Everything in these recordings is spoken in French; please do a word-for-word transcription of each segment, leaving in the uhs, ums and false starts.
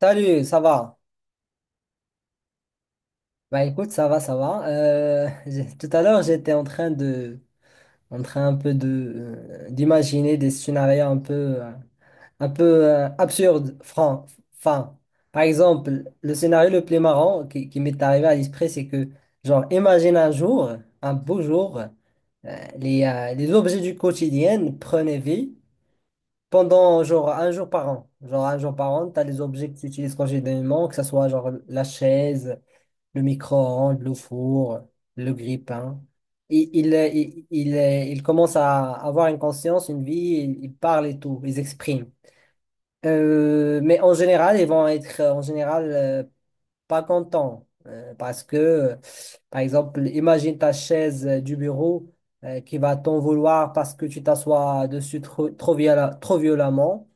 Salut, ça va? Bah écoute, ça va, ça va. Euh, j'ai- tout à l'heure, j'étais en train de, en train un peu de, euh, d'imaginer des scénarios un peu, euh, un peu euh, absurdes, francs, enfin. Par exemple, le scénario le plus marrant qui, qui m'est arrivé à l'esprit, c'est que, genre, imagine un jour, un beau jour, euh, les, euh, les objets du quotidien prenaient vie pendant genre un jour par an. Genre un jour par an, tu as les objets que tu utilises quotidiennement, que ce soit genre la chaise, le micro-ondes, le four, le grille-pain. Il, il, euh, il, il, euh, il commence à avoir une conscience, une vie, il, il parle et tout, ils expriment. Euh, mais en général, ils vont être euh, en général euh, pas contents euh, parce que, euh, par exemple, imagine ta chaise euh, du bureau euh, qui va t'en vouloir parce que tu t'assois dessus trop, trop viola- trop violemment.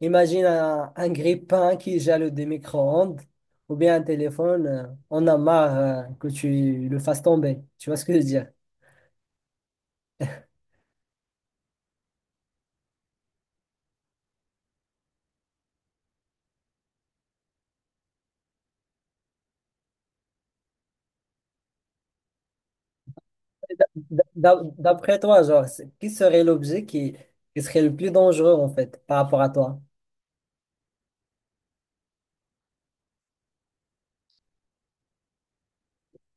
Imagine un, un grille-pain qui gèle des micro-ondes ou bien un téléphone, euh, on a marre euh, que tu le fasses tomber. Tu vois ce que je veux dire? D- d'a- D'après toi, genre, c'est- qui serait l'objet qui, qui serait le plus dangereux en fait par rapport à toi?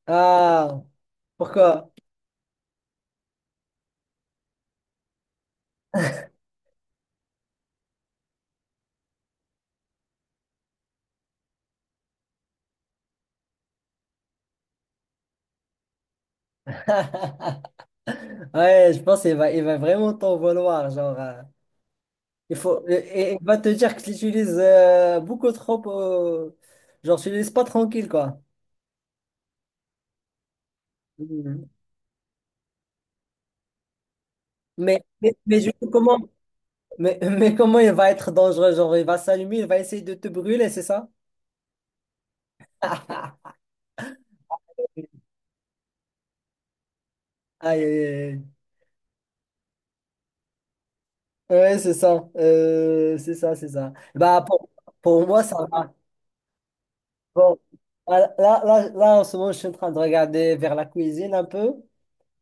Ah, pourquoi? Ouais, je pense qu'il va, il va vraiment t'en vouloir. Genre, euh, il faut, et- et il va te dire que tu l'utilises euh, beaucoup trop. Euh, genre, tu ne le laisses pas tranquille quoi. Mhm. Mais, mais, mais du coup, comment? Mais, mais comment il va être dangereux? Genre, il va s'allumer, il va essayer de te brûler, c'est ça? Aïe, aïe, aïe. Ouais, c'est ça. Euh, c'est ça, c'est ça. Bah, pour, pour moi, ça va. Bon, là, là, là, là, en ce moment, je suis en train de regarder vers la cuisine un peu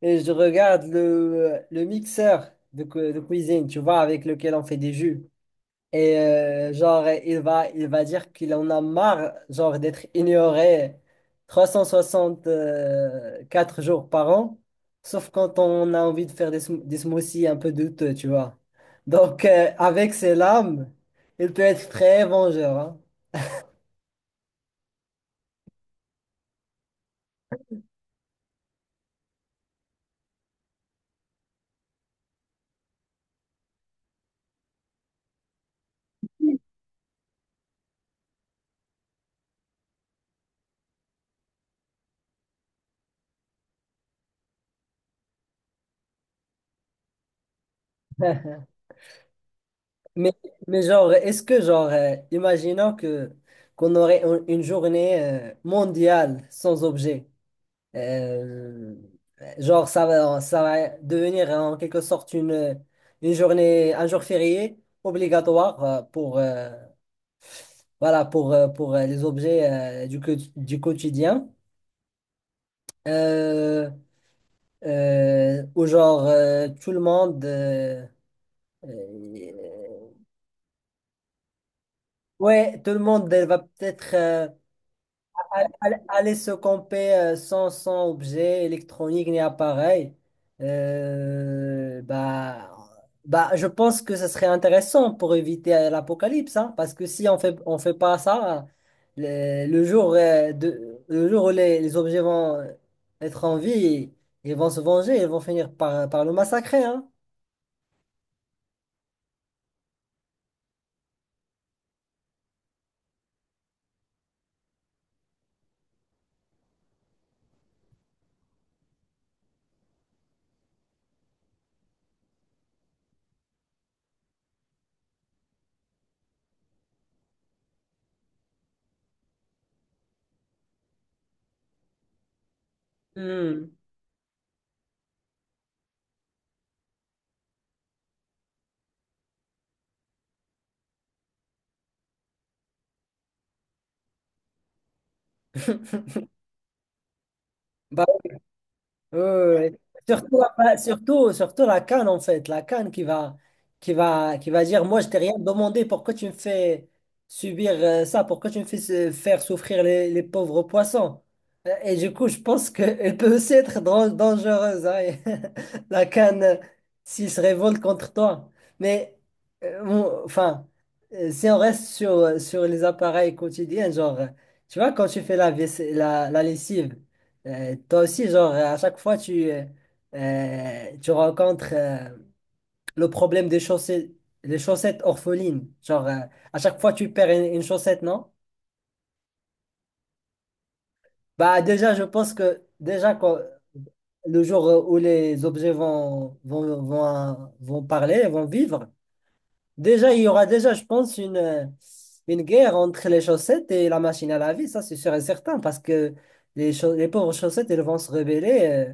et je regarde le, le mixeur de, cu- de cuisine, tu vois, avec lequel on fait des jus. Et euh, genre, il va, il va dire qu'il en a marre, genre, d'être ignoré trois cent soixante-quatre jours par an, sauf quand on a envie de faire des, sm- des smoothies un peu douteux, tu vois. Donc, euh, avec ses lames, il peut être très vengeur, hein. Mais, mais genre, est-ce que, genre, euh, imaginons que qu'on aurait un- une journée euh, mondiale sans objet. Euh, genre, ça va, ça va devenir en quelque sorte une, une journée, un jour férié obligatoire euh, pour, euh, voilà, pour, euh, pour euh, les objets euh, du, quot- du quotidien. Euh, euh, Où genre, euh, tout le monde... euh, euh, ouais, tout le monde euh, va peut-être... euh, Aller aller se camper euh, sans, sans objet électronique ni appareil, euh, bah, bah, je pense que ce serait intéressant pour éviter euh, l'apocalypse, hein, parce que si on fait, on fait pas ça, le, le jour, euh, de, le jour où les, les objets vont être en vie, ils vont se venger, ils vont finir par, par le massacrer, hein. Hmm. Bah, Euh, Surtout, après- surtout, surtout la canne en fait, la canne qui va, qui va, qui va dire, moi je t'ai rien demandé, pourquoi tu me fais subir euh, ça, pourquoi tu me fais se- faire souffrir les, les pauvres poissons? Euh, Et du coup, je pense qu'elle peut aussi être dran- dangereuse, hein, et la canne, euh, s'il se révolte contre toi. Mais, euh, mon- enfin, euh, si on reste sur, sur les appareils quotidiens, genre, tu vois, quand tu fais la, vaisse- la, la lessive, euh, toi aussi, genre, euh, à chaque fois, tu, euh, euh, tu rencontres euh, le problème des chaussettes, les chaussettes orphelines. Genre, euh, à chaque fois, tu perds une, une chaussette, non? Bah, déjà, je pense que déjà, quand- le jour euh, où les objets vont, vont, vont, vont parler, vont vivre, déjà, il y aura déjà, je pense, une, euh, une guerre entre les chaussettes et la machine à laver. Ça, c'est sûr et certain, parce que les, chau- les pauvres chaussettes, elles vont se rebeller. euh,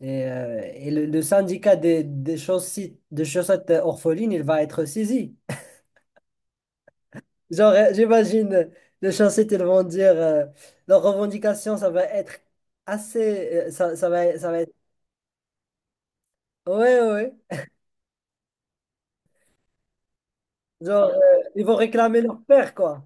Et, euh, Et le, le syndicat des, des chaussettes, des chaussettes orphelines, il va être saisi. Genre, euh, j'imagine, euh, les chaussettes, ils vont dire, euh, leur revendication, ça va être assez, euh, ça, ça va, ça va être, ouais, ouais, ouais. Genre, euh, ils vont réclamer leur père, quoi.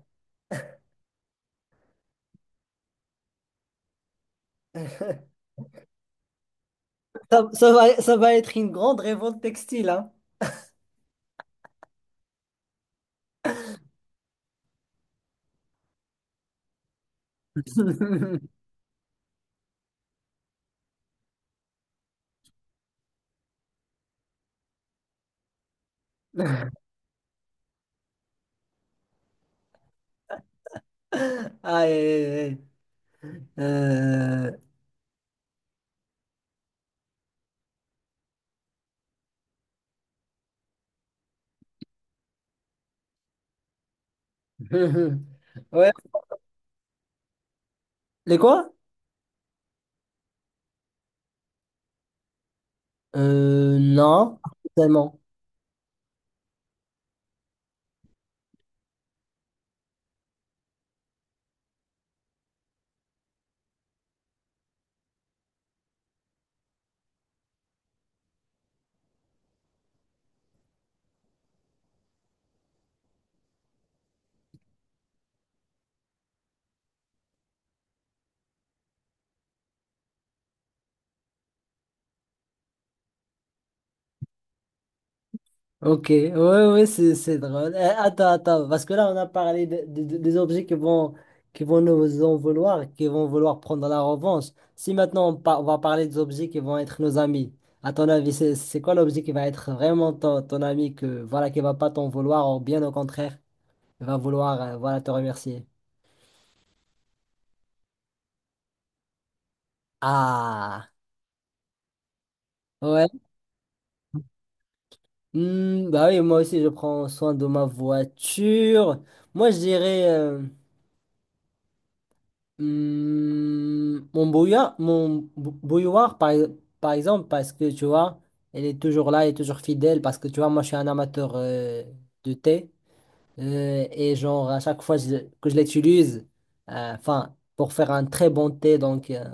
Ça, ça va, ça va être une grande révolte textile, hein. Aïe, aïe, aïe. Euh, Ouais. Les quoi? Euh, non, pas tellement. Ok, ouais, ouais, c'est c'est drôle. Eh, attends, attends, parce que là, on a parlé de- de- de- des objets qui vont, qui vont nous en vouloir, qui vont vouloir prendre la revanche. Si maintenant, on, par- on va parler des objets qui vont être nos amis, à ton avis, c'est c'est quoi l'objet qui va être vraiment ton, ton ami, que, voilà, qui va pas t'en vouloir, ou bien au contraire, il va vouloir, euh, voilà, te remercier? Ah, ouais. Hmm, bah oui, moi aussi, je prends soin de ma voiture. Moi, je dirais, euh, Hum, mon bouillard, mon bou- bouilloire, par, e-, par exemple, parce que tu vois, elle est toujours là, elle est toujours fidèle, parce que tu vois, moi je suis un amateur euh, de thé. Euh, et genre, à chaque fois je- que je l'utilise, euh, enfin, pour faire un très bon thé, donc euh,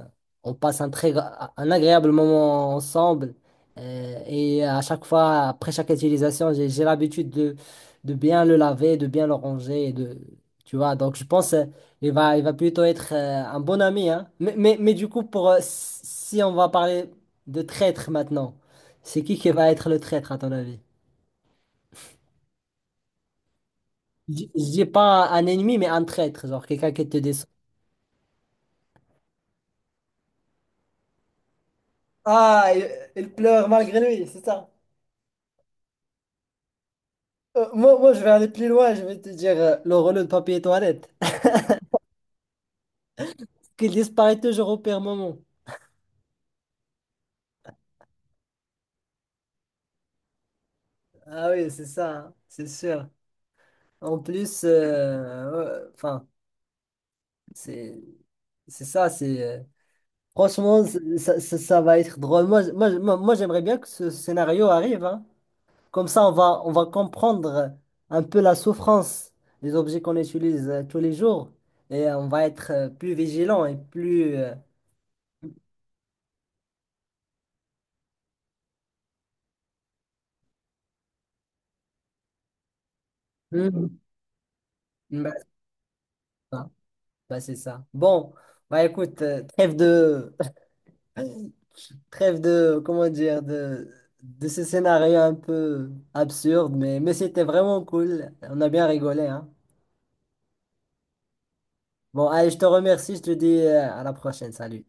on passe un très gra- un agréable moment ensemble. Euh, et à chaque fois, après chaque utilisation, j'ai j'ai l'habitude de, de bien le laver, de bien le ranger, et de, tu vois. Donc je pense euh, il va, il va plutôt être euh, un bon ami, hein. Mais, mais, mais du coup, pour, euh, si on va parler de traître maintenant, c'est qui qui va être le traître à ton avis? Je je dis pas un ennemi, mais un traître, genre quelqu'un qui te descend. Ah, il, il pleure malgré lui, c'est ça. Euh, moi, moi, je vais aller plus loin, je vais te dire euh, le rouleau de papier toilette. Qu'il disparaît toujours au pire moment. Ah oui, c'est ça, hein, c'est sûr. En plus, euh, ouais, enfin, c'est c'est ça, c'est euh, franchement, c'est- ça, ça, ça va être drôle. Moi, je- moi, je- moi, moi, j'aimerais bien que ce scénario arrive, hein. Comme ça, on va, on va comprendre un peu la souffrance des objets qu'on utilise euh, tous les jours et euh, on va être euh, plus vigilant et plus... euh, Mhm. bah, c'est ça. Bah, c'est ça. Bon, bah écoute, euh, trêve de... Trêve de... Comment dire? De, de ce scénario un peu absurde, mais, mais c'était vraiment cool. On a bien rigolé, hein. Bon, allez, je te remercie. Je te dis euh, à la prochaine. Salut.